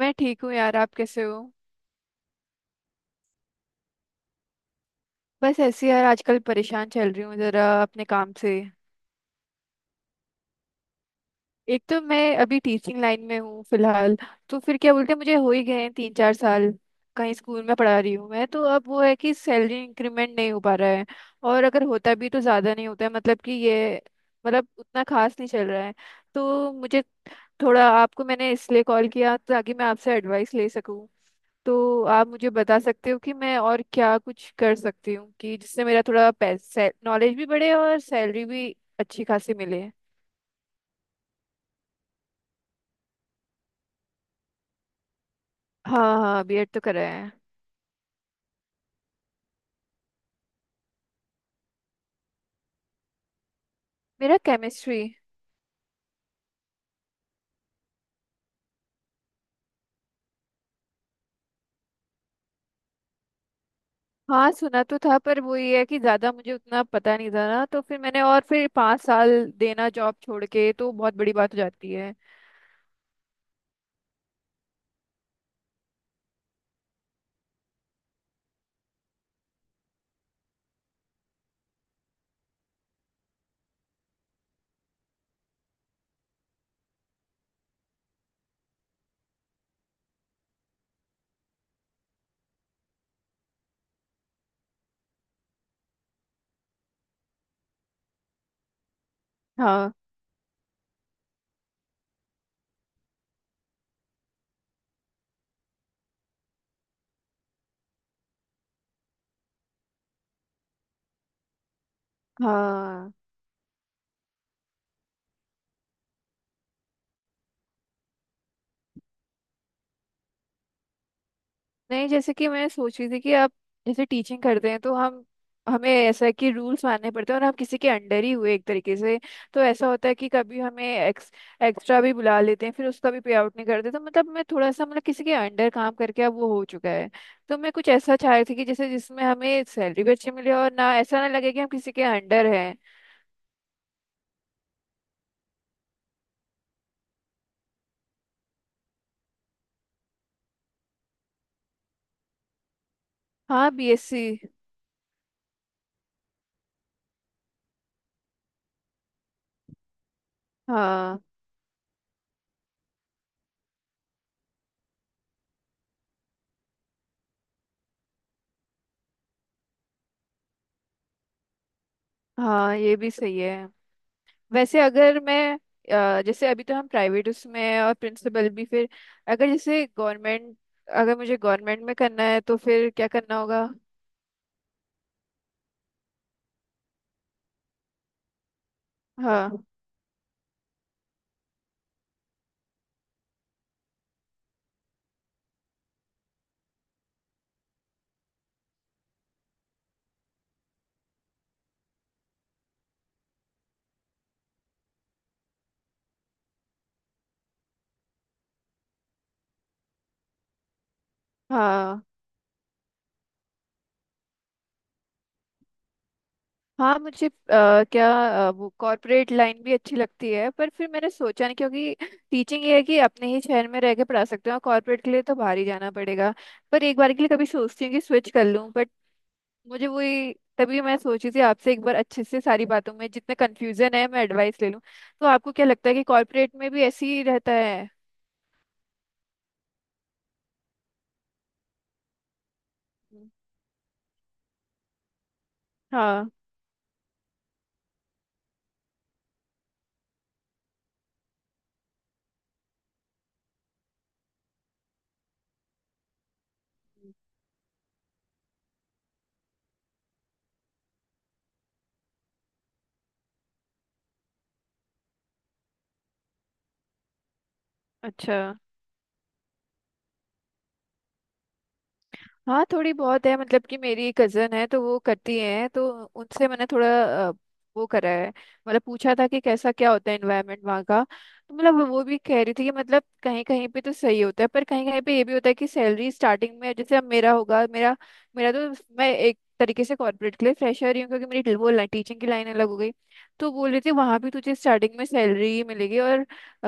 मैं ठीक हूँ यार। आप कैसे हो? बस ऐसे ही यार, आजकल परेशान चल रही हूँ जरा अपने काम से। एक तो मैं अभी टीचिंग लाइन में हूँ फिलहाल। तो फिर क्या बोलते हैं, मुझे हो ही गए हैं तीन चार साल। कहीं स्कूल में पढ़ा रही हूँ मैं, तो अब वो है कि सैलरी इंक्रीमेंट नहीं हो पा रहा है। और अगर होता भी तो ज़्यादा नहीं होता है, मतलब कि ये मतलब उतना खास नहीं चल रहा है। तो मुझे थोड़ा, आपको मैंने इसलिए कॉल किया ताकि मैं आपसे एडवाइस ले सकूँ। तो आप मुझे बता सकते हो कि मैं और क्या कुछ कर सकती हूँ कि जिससे मेरा थोड़ा पैसे नॉलेज भी बढ़े और सैलरी भी अच्छी खासी मिले। हाँ हाँ, बीएड तो करा है। मेरा केमिस्ट्री। हाँ सुना तो था, पर वो ये है कि ज़्यादा मुझे उतना पता नहीं था ना, तो फिर मैंने, और फिर पाँच साल देना जॉब छोड़ के तो बहुत बड़ी बात हो जाती है। हाँ हाँ। नहीं, जैसे कि मैं सोच रही थी कि आप जैसे टीचिंग करते हैं तो हम हमें ऐसा है कि रूल्स मानने पड़ते हैं और हम किसी के अंडर ही हुए एक तरीके से। तो ऐसा होता है कि कभी हमें एक्स्ट्रा भी बुला लेते हैं, फिर उसका भी पे आउट नहीं करते। तो मतलब मैं थोड़ा सा, मतलब किसी के अंडर काम करके अब वो हो चुका है। तो मैं कुछ ऐसा चाह रही थी कि जैसे जिसमें हमें सैलरी भी अच्छी मिले और ना ऐसा ना लगे कि हम किसी के अंडर हैं। हाँ, बीएससी। हाँ हाँ, ये भी सही है। वैसे अगर मैं, जैसे अभी तो हम प्राइवेट उसमें हैं और प्रिंसिपल भी फिर अगर जैसे गवर्नमेंट, अगर मुझे गवर्नमेंट में करना है तो फिर क्या करना होगा? हाँ हाँ हाँ। मुझे क्या, वो कॉर्पोरेट लाइन भी अच्छी लगती है, पर फिर मैंने सोचा नहीं क्योंकि टीचिंग ये है कि अपने ही शहर में रह के पढ़ा सकते हैं और कॉर्पोरेट के लिए तो बाहर ही जाना पड़ेगा। पर एक बार के लिए कभी सोचती हूँ कि स्विच कर लूँ, बट मुझे वही, तभी मैं सोची थी आपसे एक बार अच्छे से सारी बातों में जितने कंफ्यूजन है मैं एडवाइस ले लूं। तो आपको क्या लगता है कि कॉर्पोरेट में भी ऐसे ही रहता है? हम्म, हाँ। हम्म। अच्छा। हाँ थोड़ी बहुत है, मतलब कि मेरी कजन है तो वो करती है, तो उनसे मैंने थोड़ा अ, वो करा है, मतलब पूछा था कि कैसा क्या होता है, एनवायरनमेंट वहाँ का। तो मतलब वो भी कह रही थी कि मतलब कहीं कहीं पे तो सही होता है, पर कहीं कहीं पे ये भी होता है कि सैलरी स्टार्टिंग में, जैसे अब मेरा होगा, मेरा मेरा तो, मैं एक तरीके से कॉर्पोरेट के लिए फ्रेशर ही हूँ क्योंकि मेरी वो टीचिंग की लाइन अलग हो गई। तो बोल रही थी वहाँ भी तुझे स्टार्टिंग में सैलरी मिलेगी और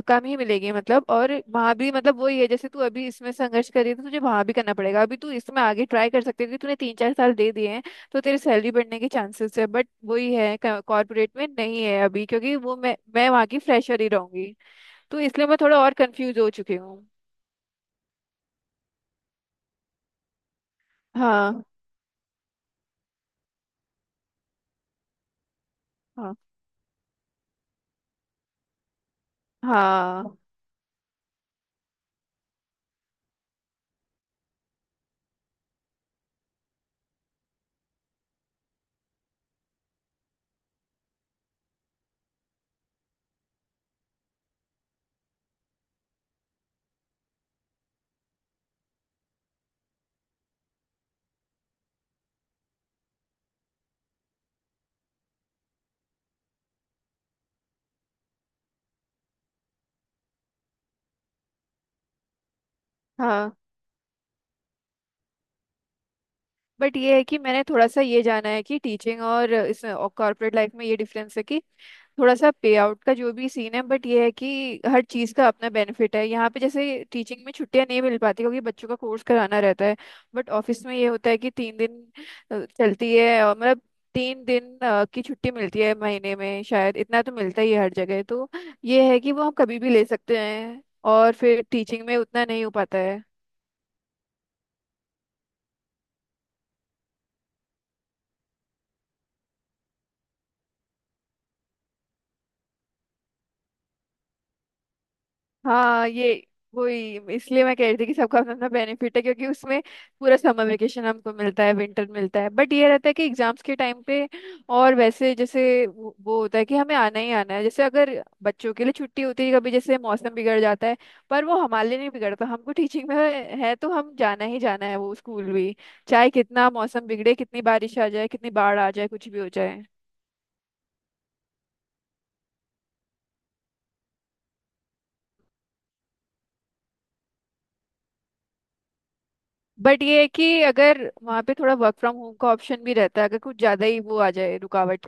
कम ही मिलेगी, मतलब। और वहां भी मतलब वही है जैसे तू अभी इसमें संघर्ष कर रही है तो तुझे वहां भी करना पड़ेगा, अभी तू इसमें आगे ट्राई कर सकती है क्योंकि तूने तीन चार साल दे दिए हैं, तो तेरी सैलरी बढ़ने के चांसेस है, बट वही है कॉर्पोरेट में नहीं है अभी क्योंकि वो, मैं वहां की फ्रेशर ही रहूंगी। तो इसलिए मैं थोड़ा और कंफ्यूज हो चुकी हूँ। हाँ हाँ। हाँ हाँ। बट ये है कि मैंने थोड़ा सा ये जाना है कि टीचिंग और इसमें कॉर्पोरेट लाइफ में ये डिफरेंस है कि थोड़ा सा पे आउट का जो भी सीन है, बट ये है कि हर चीज़ का अपना बेनिफिट है यहाँ पे। जैसे टीचिंग में छुट्टियां नहीं मिल पाती क्योंकि बच्चों का कोर्स कराना रहता है, बट ऑफिस में ये होता है कि तीन दिन चलती है और मतलब तीन दिन की छुट्टी मिलती है महीने में, शायद इतना तो मिलता ही है हर जगह। तो ये है कि वो हम कभी भी ले सकते हैं, और फिर टीचिंग में उतना नहीं हो पाता है। हाँ ये, वही इसलिए मैं कह रही थी कि सबका अपना अपना बेनिफिट है, क्योंकि उसमें पूरा समर वेकेशन हमको मिलता है, विंटर मिलता है, बट ये रहता है कि एग्जाम्स के टाइम पे और वैसे जैसे वो होता है कि हमें आना ही आना है। जैसे अगर बच्चों के लिए छुट्टी होती है कभी, जैसे मौसम बिगड़ जाता है, पर वो हमारे लिए नहीं बिगड़ता, तो हमको टीचिंग में है तो हम जाना ही जाना है वो स्कूल भी, चाहे कितना मौसम बिगड़े, कितनी बारिश आ जाए, कितनी बाढ़ आ जाए, कुछ भी हो जाए। बट ये है कि अगर वहाँ पे थोड़ा वर्क फ्रॉम होम का ऑप्शन भी रहता है अगर कुछ ज्यादा ही वो आ जाए रुकावट।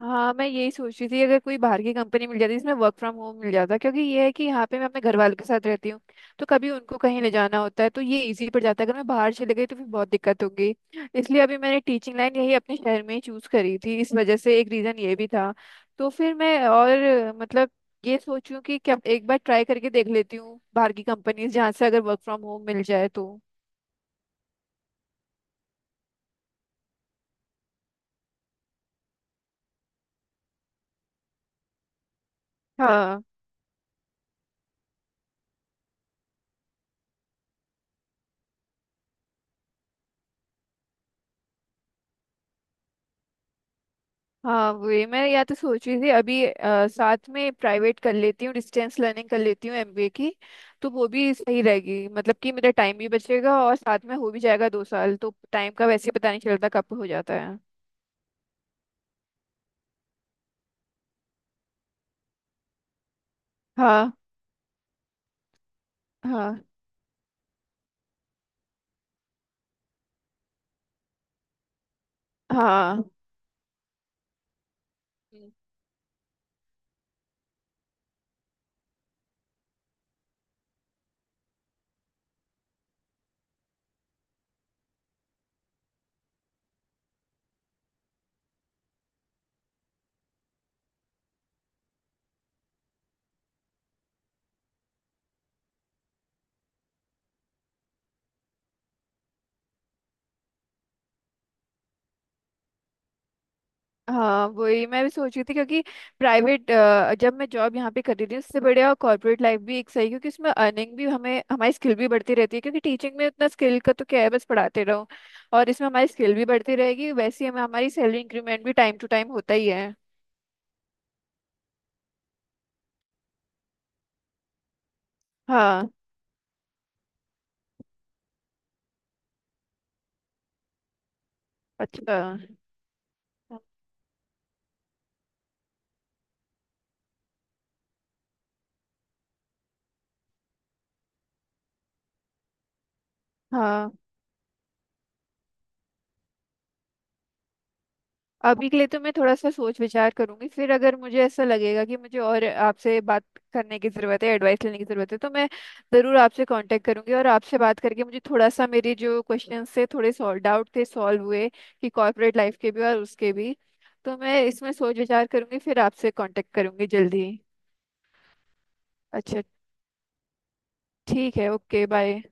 हाँ, मैं यही सोच रही थी अगर कोई बाहर की कंपनी मिल जाती जिसमें वर्क फ्रॉम होम मिल जाता, क्योंकि ये है कि यहाँ पे मैं अपने घर वालों के साथ रहती हूँ। तो कभी उनको कहीं ले जाना होता है तो ये इजी पड़ जाता है, अगर मैं बाहर चले गई तो फिर बहुत दिक्कत होगी। इसलिए अभी मैंने टीचिंग लाइन यही अपने शहर में ही चूज करी थी, इस वजह से एक रीजन ये भी था। तो फिर मैं और, मतलब, ये सोचूं कि क्या एक बार ट्राई करके देख लेती हूँ बाहर की कंपनीज जहाँ से अगर वर्क फ्रॉम होम मिल जाए तो। हाँ हाँ, वही मैं या तो सोच रही थी, अभी साथ में प्राइवेट कर लेती हूँ, डिस्टेंस लर्निंग कर लेती हूँ एमबीए की। तो वो भी सही रहेगी, मतलब कि मेरा टाइम भी बचेगा और साथ में हो भी जाएगा, दो साल तो टाइम का वैसे ही पता नहीं चलता कब हो जाता है। हाँ। हाँ हाँ, हाँ वही मैं भी सोच रही थी क्योंकि प्राइवेट, जब मैं जॉब यहाँ पे कर रही थी, उससे बढ़िया कॉर्पोरेट लाइफ भी एक सही है, क्योंकि उसमें अर्निंग भी, हमें हमारी स्किल भी बढ़ती रहती है, क्योंकि टीचिंग में उतना स्किल का तो क्या है, बस पढ़ाते रहो। और इसमें हमारी स्किल भी बढ़ती रहेगी, वैसे ही हमें हमारी सैलरी इंक्रीमेंट भी टाइम टू टाइम होता ही है। हाँ। अच्छा। हाँ, अभी के लिए तो मैं थोड़ा सा सोच विचार करूंगी, फिर अगर मुझे ऐसा लगेगा कि मुझे और आपसे बात करने की ज़रूरत है, एडवाइस लेने की ज़रूरत है, तो मैं ज़रूर आपसे कांटेक्ट करूंगी। और आपसे बात करके मुझे थोड़ा सा, मेरे जो क्वेश्चन थे, थोड़े सॉल्व, डाउट थे सॉल्व हुए, कि कॉर्पोरेट लाइफ के भी और उसके भी। तो मैं इसमें सोच विचार करूंगी, फिर आपसे कांटेक्ट करूंगी जल्दी ही। अच्छा। ठीक है, ओके बाय।